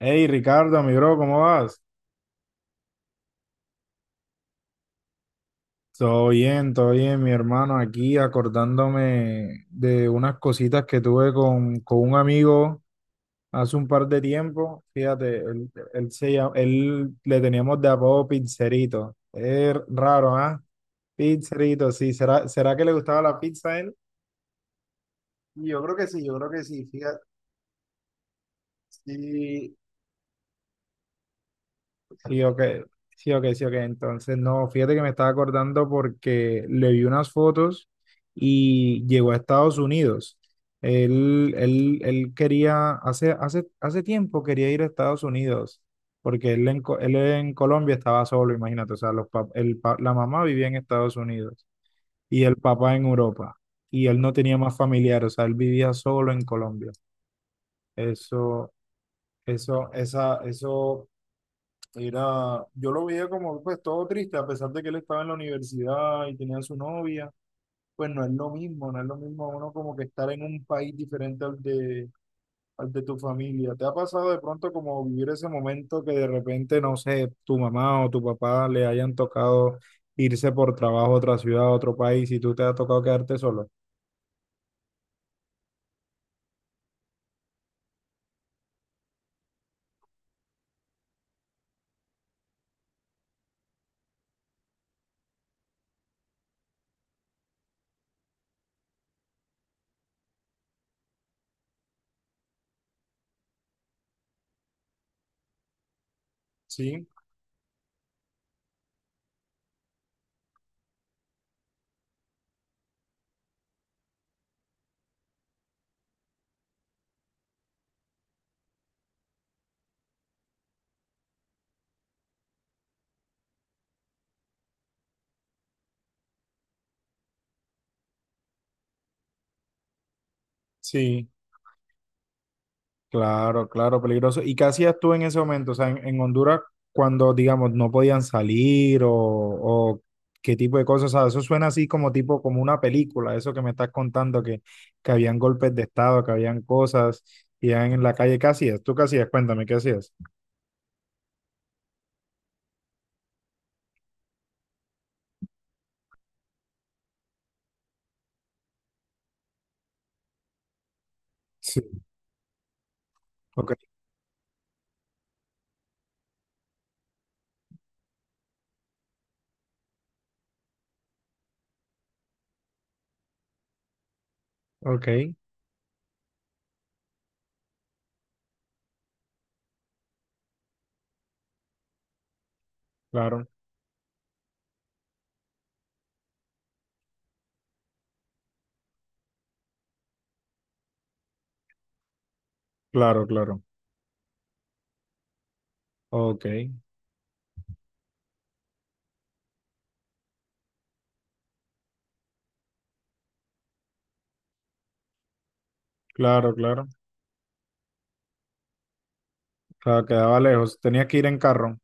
Hey Ricardo, mi bro, ¿cómo vas? Todo bien, mi hermano, aquí acordándome de unas cositas que tuve con un amigo hace un par de tiempo. Fíjate, él le teníamos de apodo Pizzerito. Es raro, ¿ah? Pizzerito, sí. ¿Será que le gustaba la pizza a él? Yo creo que sí, yo creo que sí, fíjate. Sí, sí, ok, sí, ok, sí, ok. Entonces, no, fíjate que me estaba acordando porque le vi unas fotos y llegó a Estados Unidos. Él quería, hace tiempo quería ir a Estados Unidos, porque él en Colombia estaba solo, imagínate. O sea, los, pap- el, pa- la mamá vivía en Estados Unidos y el papá en Europa. Y él no tenía más familiares, o sea, él vivía solo en Colombia. Eso, eso. Yo lo veía como pues todo triste, a pesar de que él estaba en la universidad y tenía su novia, pues no es lo mismo, no es lo mismo uno como que estar en un país diferente al de tu familia. ¿Te ha pasado de pronto como vivir ese momento que de repente, no sé, tu mamá o tu papá le hayan tocado irse por trabajo a otra ciudad, a otro país y tú te ha tocado quedarte solo? Sí, sí. Claro, claro, peligroso. ¿Y qué hacías tú en ese momento? O sea, en Honduras, cuando, digamos, no podían salir o qué tipo de cosas. O sea, eso suena así como tipo, como una película, eso que me estás contando, que habían golpes de estado, que habían cosas, y ya en la calle. ¿Qué hacías? ¿Tú qué hacías? Cuéntame, ¿qué hacías? Sí. Ok, ok, claro, claro, claro. Ok, claro, claro. Claro, quedaba lejos. Tenías que ir en carro.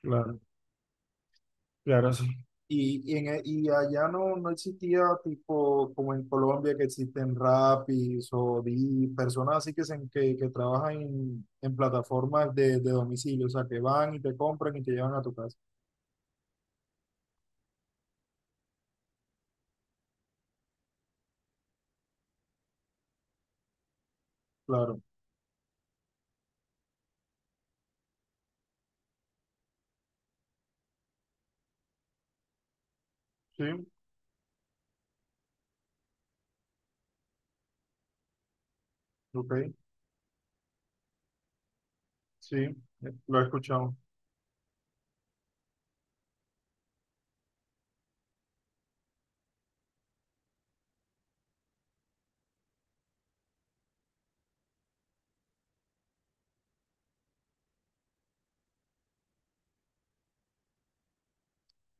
Claro. Claro, sí. Y allá no existía tipo como en Colombia, que existen Rapis o Didi, personas así que trabajan en plataformas de domicilio, o sea, que van y te compran y te llevan a tu casa. Claro, sí, ok, sí, lo he escuchado.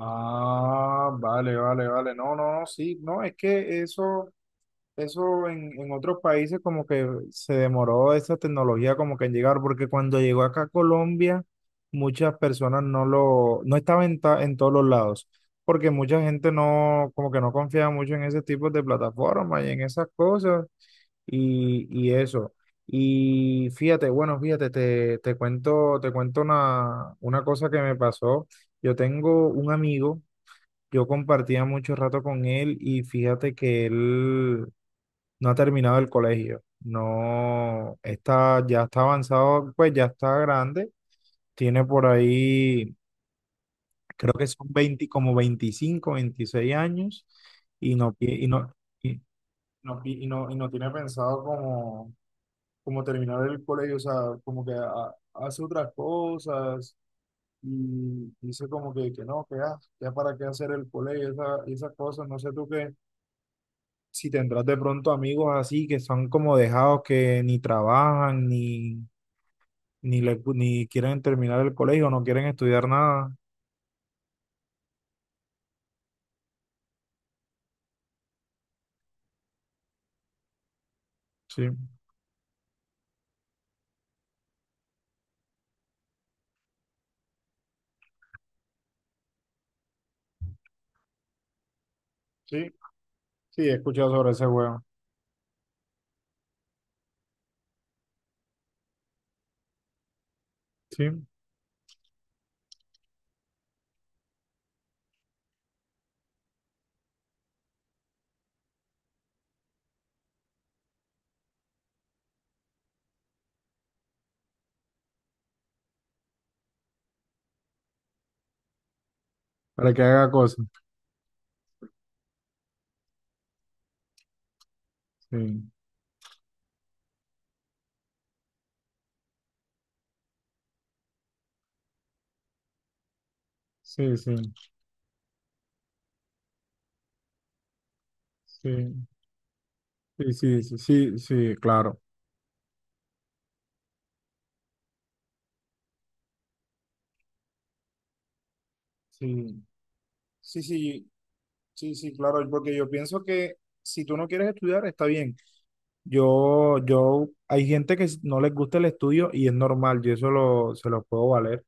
Ah, vale, vale, vale. No, no, no, sí, no, es que eso. Eso en otros países como que se demoró esa tecnología como que en llegar, porque cuando llegó acá a Colombia, muchas personas no lo, no estaba en, ta- en todos los lados, porque mucha gente no, como que no confiaba mucho en ese tipo de plataformas y en esas cosas y eso. Y fíjate, bueno, fíjate, te cuento una cosa que me pasó. Yo tengo un amigo, yo compartía mucho rato con él y fíjate que él no ha terminado el colegio, no está, ya está avanzado, pues ya está grande, tiene por ahí, creo que son 20 como 25 26 años y no, pi- y no, y y no tiene pensado como, como terminar el colegio, o sea, como que hace otras cosas y dice como que no, que ah, ya para qué hacer el colegio, esas cosas, no sé tú qué. Si tendrás de pronto amigos así que son como dejados que ni trabajan ni quieren terminar el colegio, no quieren estudiar nada. Sí, sí, sí, he escuchado sobre ese huevo. Sí, para que haga cosas. Sí, sí, sí, sí, sí, sí, sí, sí, sí, claro. Sí, sí, sí, sí, sí, claro, porque yo pienso que si tú no quieres estudiar, está bien. Hay gente que no les gusta el estudio y es normal, yo eso se lo puedo valer.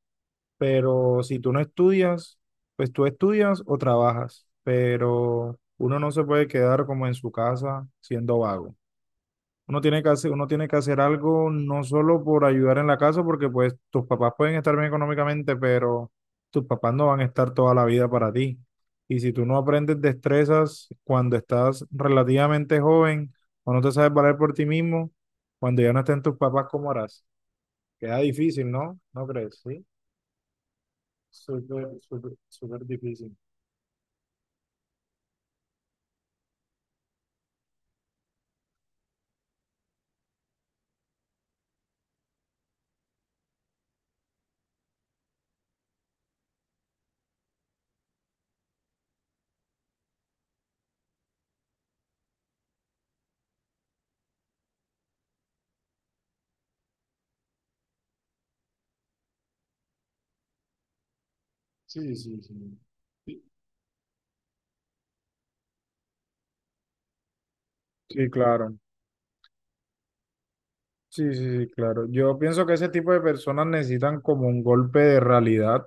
Pero si tú no estudias, pues tú estudias o trabajas, pero uno no se puede quedar como en su casa siendo vago. Uno tiene que hacer algo, no solo por ayudar en la casa, porque pues tus papás pueden estar bien económicamente, pero tus papás no van a estar toda la vida para ti. Y si tú no aprendes destrezas cuando estás relativamente joven o no te sabes valer por ti mismo, cuando ya no estén tus papás, ¿cómo harás? Queda difícil, ¿no? ¿No crees? Sí. Súper, súper, súper difícil. Sí, sí, sí. Sí, sí, claro. Sí, sí, sí, claro. Yo pienso que ese tipo de personas necesitan como un golpe de realidad,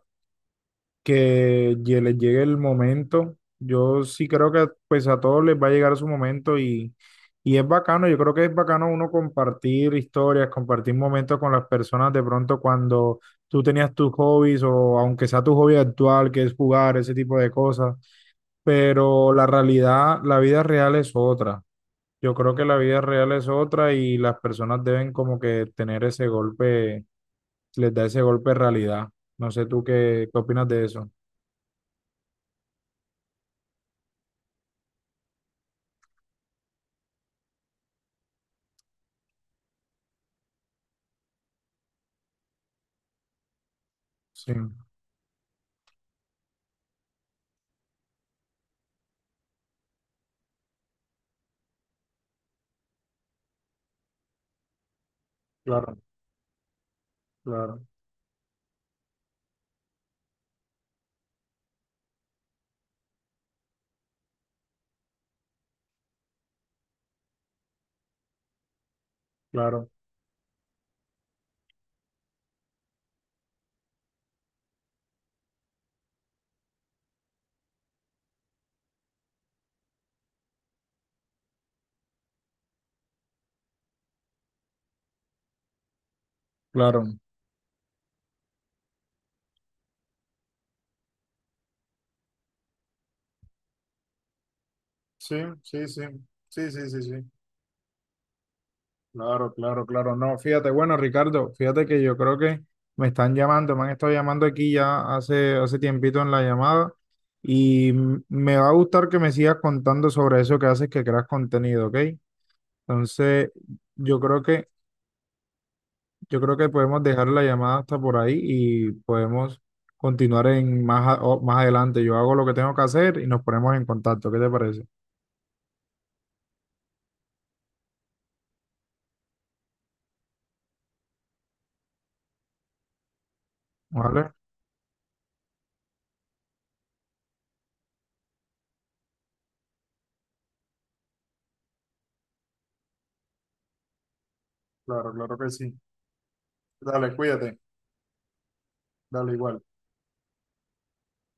que les llegue el momento. Yo sí creo que pues a todos les va a llegar su momento y es bacano. Yo creo que es bacano uno compartir historias, compartir momentos con las personas de pronto cuando tú tenías tus hobbies o aunque sea tu hobby actual, que es jugar, ese tipo de cosas. Pero la realidad, la vida real es otra. Yo creo que la vida real es otra y las personas deben como que tener ese golpe, les da ese golpe de realidad. No sé tú qué, opinas de eso. Sí, claro, claro, claro, claro. Sí, sí, sí, sí, sí, sí, sí. Claro, claro, claro. No, fíjate, bueno, Ricardo, fíjate que yo creo que me están llamando, me han estado llamando aquí ya hace tiempito en la llamada y me va a gustar que me sigas contando sobre eso que haces, que creas contenido, ¿ok? Entonces, yo creo que, yo creo que podemos dejar la llamada hasta por ahí y podemos continuar en más, a- o- más adelante. Yo hago lo que tengo que hacer y nos ponemos en contacto. ¿Qué te parece? ¿Vale? Claro, claro que sí. Dale, cuídate. Dale igual.